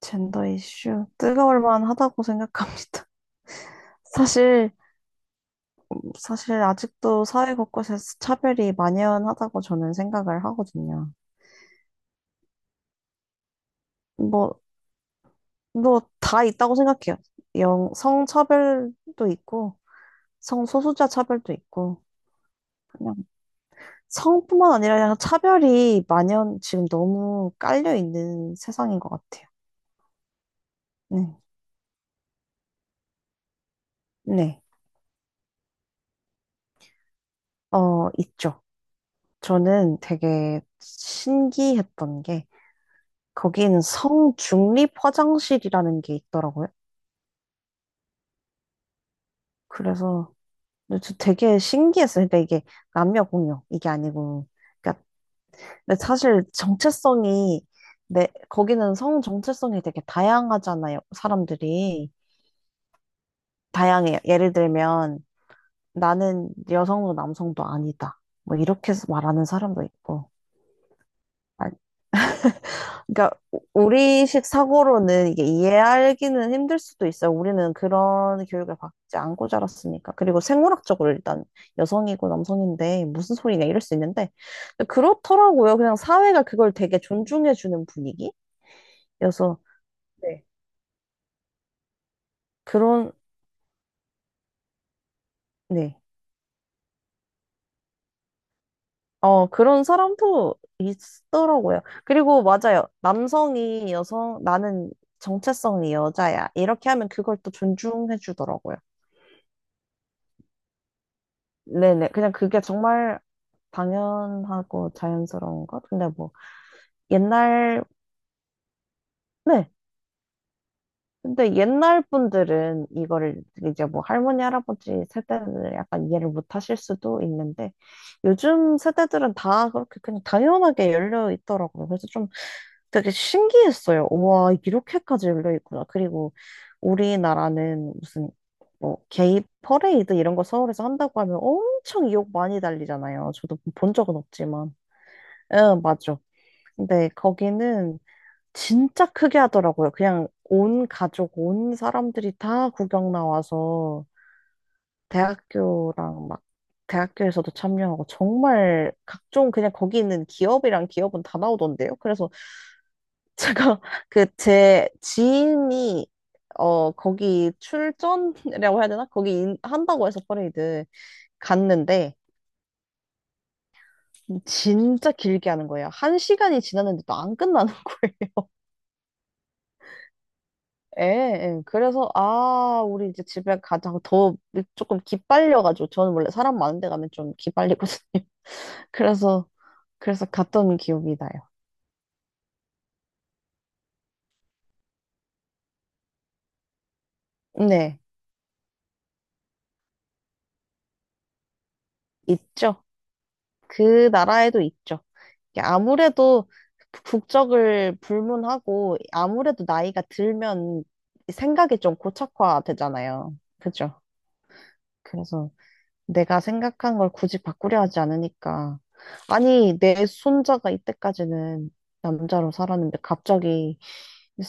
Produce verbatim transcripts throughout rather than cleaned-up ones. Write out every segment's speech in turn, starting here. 젠더 이슈 뜨거울 만하다고 생각합니다. 사실 사실 아직도 사회 곳곳에서 차별이 만연하다고 저는 생각을 하거든요. 뭐 뭐 다 있다고 생각해요. 영 성차별도 있고 성소수자 차별도 있고 그냥 성뿐만 아니라 그냥 차별이 만연 지금 너무 깔려 있는 세상인 것 같아요. 네. 네. 어, 있죠. 저는 되게 신기했던 게 거긴 성중립 화장실이라는 게 있더라고요. 그래서 근데 저 되게 신기했어요. 근데 이게 남녀 공용 이게 아니고, 그러니까 근데 사실 정체성이 내 거기는 성 정체성이 되게 다양하잖아요. 사람들이 다양해요. 예를 들면 나는 여성도 남성도 아니다. 뭐 이렇게 해서 말하는 사람도 있고, 그러니까 우- 리식 사고로는 이게 이해하기는 힘들 수도 있어요. 우리는 그런 교육을 받지 않고 자랐으니까. 그리고 생물학적으로 일단 여성이고 남성인데 무슨 소리냐 이럴 수 있는데 데 그렇더라고요. 그냥 사회가 그걸 되게 존중해주는 분위기여서 네. 그런 네. 어, 그런 사람도 있더라고요. 그리고 맞아요. 남성이 여성, 나는 정체성이 여자야. 이렇게 하면 그걸 또 존중해주더라고요. 네네. 그냥 그게 정말 당연하고 자연스러운 것? 근데 뭐, 옛날, 네. 근데 옛날 분들은 이거를 이제 뭐 할머니, 할아버지 세대은 약간 이해를 못 하실 수도 있는데, 요즘 세대들은 다 그렇게 그냥 당연하게 열려 있더라고요. 그래서 좀 되게 신기했어요. 와, 이렇게까지 열려 있구나. 그리고 우리나라는 무슨 뭐 게이 퍼레이드 이런 거 서울에서 한다고 하면 엄청 욕 많이 달리잖아요. 저도 본 적은 없지만. 응, 맞아. 근데 거기는 진짜 크게 하더라고요. 그냥 온 가족, 온 사람들이 다 구경 나와서 대학교랑 막 대학교에서도 참여하고 정말 각종 그냥 거기 있는 기업이랑 기업은 다 나오던데요. 그래서 제가 그 제 지인이 어 거기 출전이라고 해야 되나? 거기 인- 한다고 해서 퍼레이드 갔는데 진짜 길게 하는 거예요. 한 시간이 지났는데도 안 끝나는 거예요. 예, 예. 그래서, 아, 우리 이제 집에 가자고 더 조금 기빨려가지고, 저는 원래 사람 많은 데 가면 좀 기빨리거든요. 그래서, 그래서 갔던 기억이 나요. 네, 있죠. 그 나라에도 있죠. 이게 아무래도 국적을 불문하고, 아무래도 나이가 들면 생각이 좀 고착화되잖아요. 그죠? 그래서 내가 생각한 걸 굳이 바꾸려 하지 않으니까. 아니, 내 손자가 이때까지는 남자로 살았는데 갑자기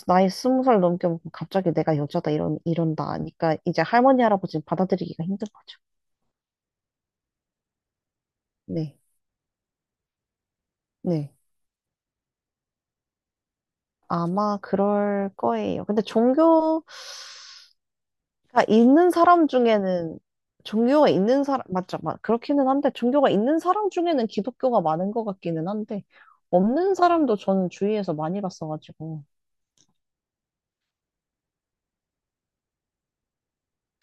나이 스무 살 넘게 먹고 갑자기 내가 여자다 이런 이런다 하니까 이제 할머니 할아버지는 받아들이기가 힘든 거죠. 네, 네. 아마 그럴 거예요. 근데 종교가 있는 사람 중에는 종교가 있는 사람 맞죠? 맞, 그렇기는 한데 종교가 있는 사람 중에는 기독교가 많은 것 같기는 한데 없는 사람도 저는 주위에서 많이 봤어가지고.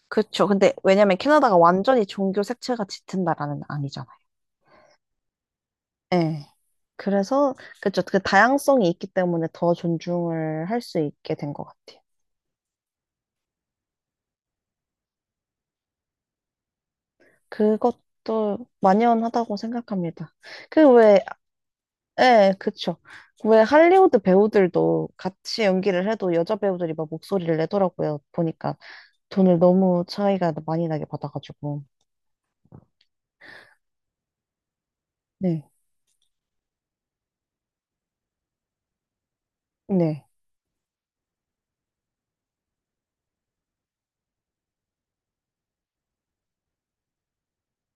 그쵸. 근데 왜냐면 캐나다가 완전히 종교 색채가 짙은 나라는 아니잖아요. 네. 그래서 그쵸. 그 다양성이 있기 때문에 더 존중을 할 수 있게 된 것 같아요. 그것도 만연하다고 생각합니다. 그 왜, 예, 그쵸. 왜 할리우드 배우들도 같이 연기를 해도 여자 배우들이 막 목소리를 내더라고요. 보니까 돈을 너무 차이가 많이 나게 받아가지고. 네. 네.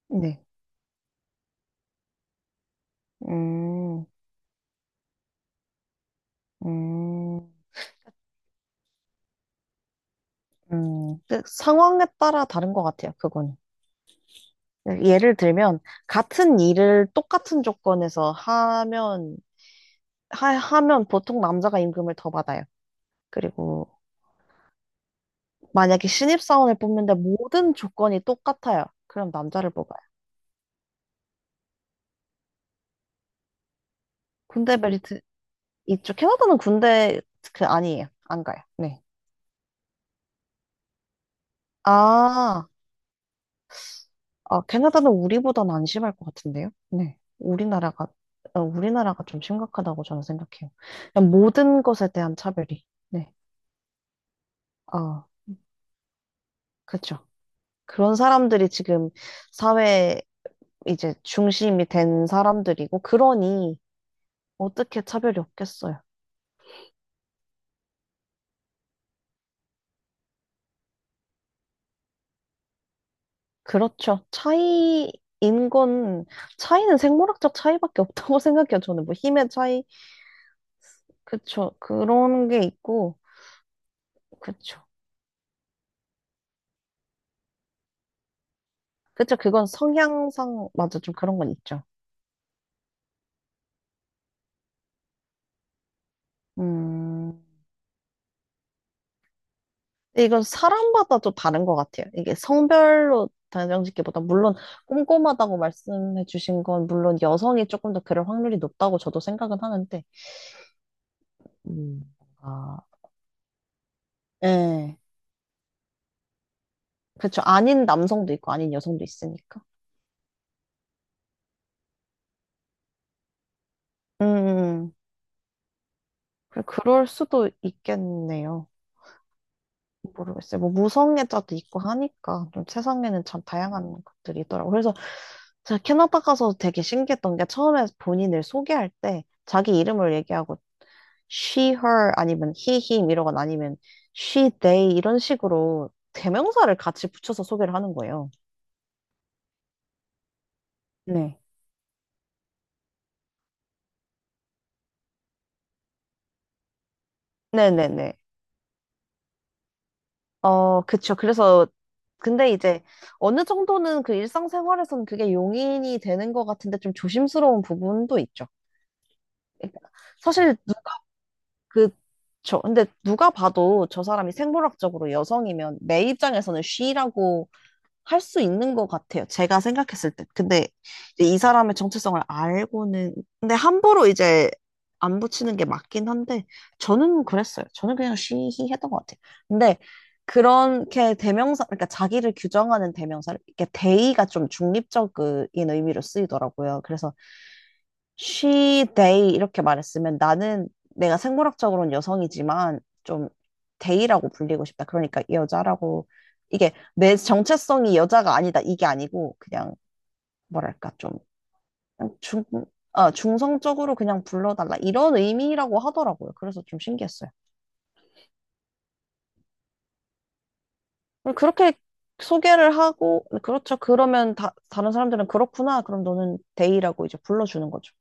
네. 음, 음. 음, 그 상황에 따라 다른 것 같아요, 그거는. 예를 들면, 같은 일을 똑같은 조건에서 하면, 하, 하면 보통 남자가 임금을 더 받아요. 그리고 만약에 신입사원을 뽑는데 모든 조건이 똑같아요. 그럼 남자를 뽑아요. 군대 벨트, 이쪽 캐나다는 군대, 그, 아니에요. 안 가요. 네. 아, 아, 캐나다는 우리보다는 안 심할 것 같은데요? 네. 우리나라가, 어, 우리나라가 좀 심각하다고 저는 생각해요. 그냥 모든 것에 대한 차별이. 네. 아, 그렇죠. 그런 사람들이 지금 사회 이제 중심이 된 사람들이고, 그러니 어떻게 차별이 없겠어요. 그렇죠. 차이인 건, 차이는 생물학적 차이밖에 없다고 생각해요. 저는 뭐 힘의 차이, 그쵸. 그런 게 있고, 그쵸. 그쵸, 그건 성향상, 맞아, 좀 그런 건 있죠. 음, 근데 이건 사람마다 좀 다른 것 같아요. 이게 성별로 단정짓기보다, 물론 꼼꼼하다고 말씀해 주신 건, 물론 여성이 조금 더 그럴 확률이 높다고 저도 생각은 하는데, 음. 아, 예. 그쵸, 아닌 남성도 있고, 아닌 여성도 있으니까. 음, 음, 음. 그래, 그럴 수도 있겠네요. 모르겠어요. 뭐 무성애자도 있고 하니까 좀 세상에는 참 다양한 것들이 있더라고요. 그래서 제가 캐나다 가서 되게 신기했던 게 처음에 본인을 소개할 때 자기 이름을 얘기하고 she, her 아니면 he, him 이러거나 아니면 she, they 이런 식으로 대명사를 같이 붙여서 소개를 하는 거예요. 네. 네네네. 어, 그쵸. 그래서, 근데 이제 어느 정도는 그 일상생활에서는 그게 용인이 되는 것 같은데 좀 조심스러운 부분도 있죠. 그러니까 사실 그쵸. 근데 누가 봐도 저 사람이 생물학적으로 여성이면 내 입장에서는 쉬라고 할 수 있는 것 같아요. 제가 생각했을 때. 근데 이제 이 사람의 정체성을 알고는, 근데 함부로 이제 안 붙이는 게 맞긴 한데, 저는 그랬어요. 저는 그냥 쉬히 했던 것 같아요. 근데 그렇게 대명사, 그러니까 자기를 규정하는 대명사를, 이렇게 대의가 좀 중립적인 의미로 쓰이더라고요. 그래서 she, they 이렇게 말했으면 나는 내가 생물학적으로는 여성이지만 좀 they라고 불리고 싶다. 그러니까 이 여자라고 이게 내 정체성이 여자가 아니다. 이게 아니고 그냥 뭐랄까 좀 그냥 중, 아, 중성적으로 그냥 불러달라. 이런 의미라고 하더라고요. 그래서 좀 신기했어요. 그렇게 소개를 하고 그렇죠. 그러면 다, 다른 사람들은 그렇구나. 그럼 너는 they라고 이제 불러주는 거죠.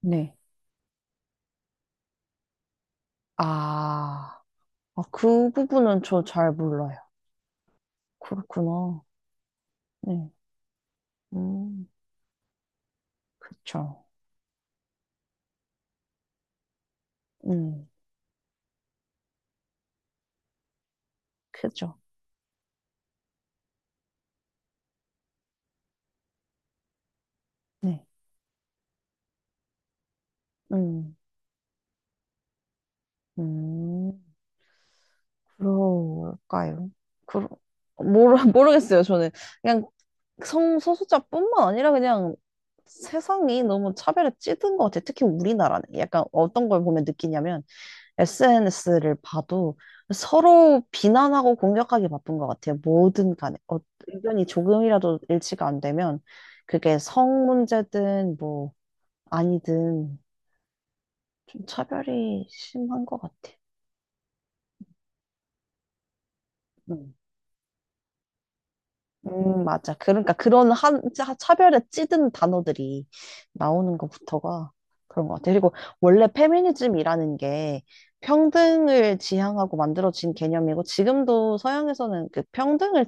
네. 아, 아, 그 부분은 저 잘 몰라요. 그렇구나. 네. 음, 그쵸. 음, 크죠. 네. 음, 음, 그럴까요? 그 모르, 모르겠어요, 저는. 그냥 성소수자뿐만 아니라 그냥 세상이 너무 차별에 찌든 것 같아요. 특히 우리나라는. 약간 어떤 걸 보면 느끼냐면 에스엔에스를 봐도 서로 비난하고 공격하기 바쁜 것 같아요. 뭐든 간에. 어, 의견이 조금이라도 일치가 안 되면 그게 성 문제든 뭐 아니든 좀 차별이 심한 것 같아. 응. 음, 맞아. 그러니까 그런 한, 차- 차별에 찌든 단어들이 나오는 것부터가 그런 것 같아. 그리고 원래 페미니즘이라는 게 평등을 지향하고 만들어진 개념이고 지금도 서양에서는 그 평등을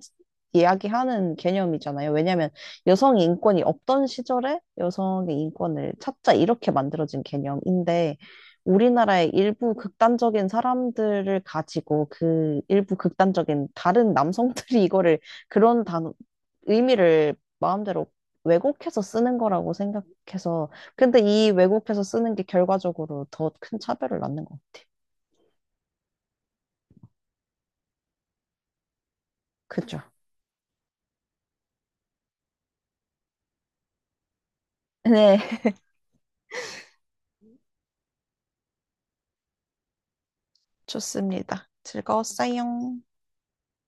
이야기하는 개념이잖아요. 왜냐하면 여성의 인권이 없던 시절에 여성의 인권을 찾자 이렇게 만들어진 개념인데 우리나라의 일부 극단적인 사람들을 가지고 그 일부 극단적인 다른 남성들이 이거를 그런 단어, 의미를 마음대로 왜곡해서 쓰는 거라고 생각해서, 근데 이 왜곡해서 쓰는 게 결과적으로 더 큰 차별을 낳는 거. 그죠? 네, 좋습니다. 즐거웠어요.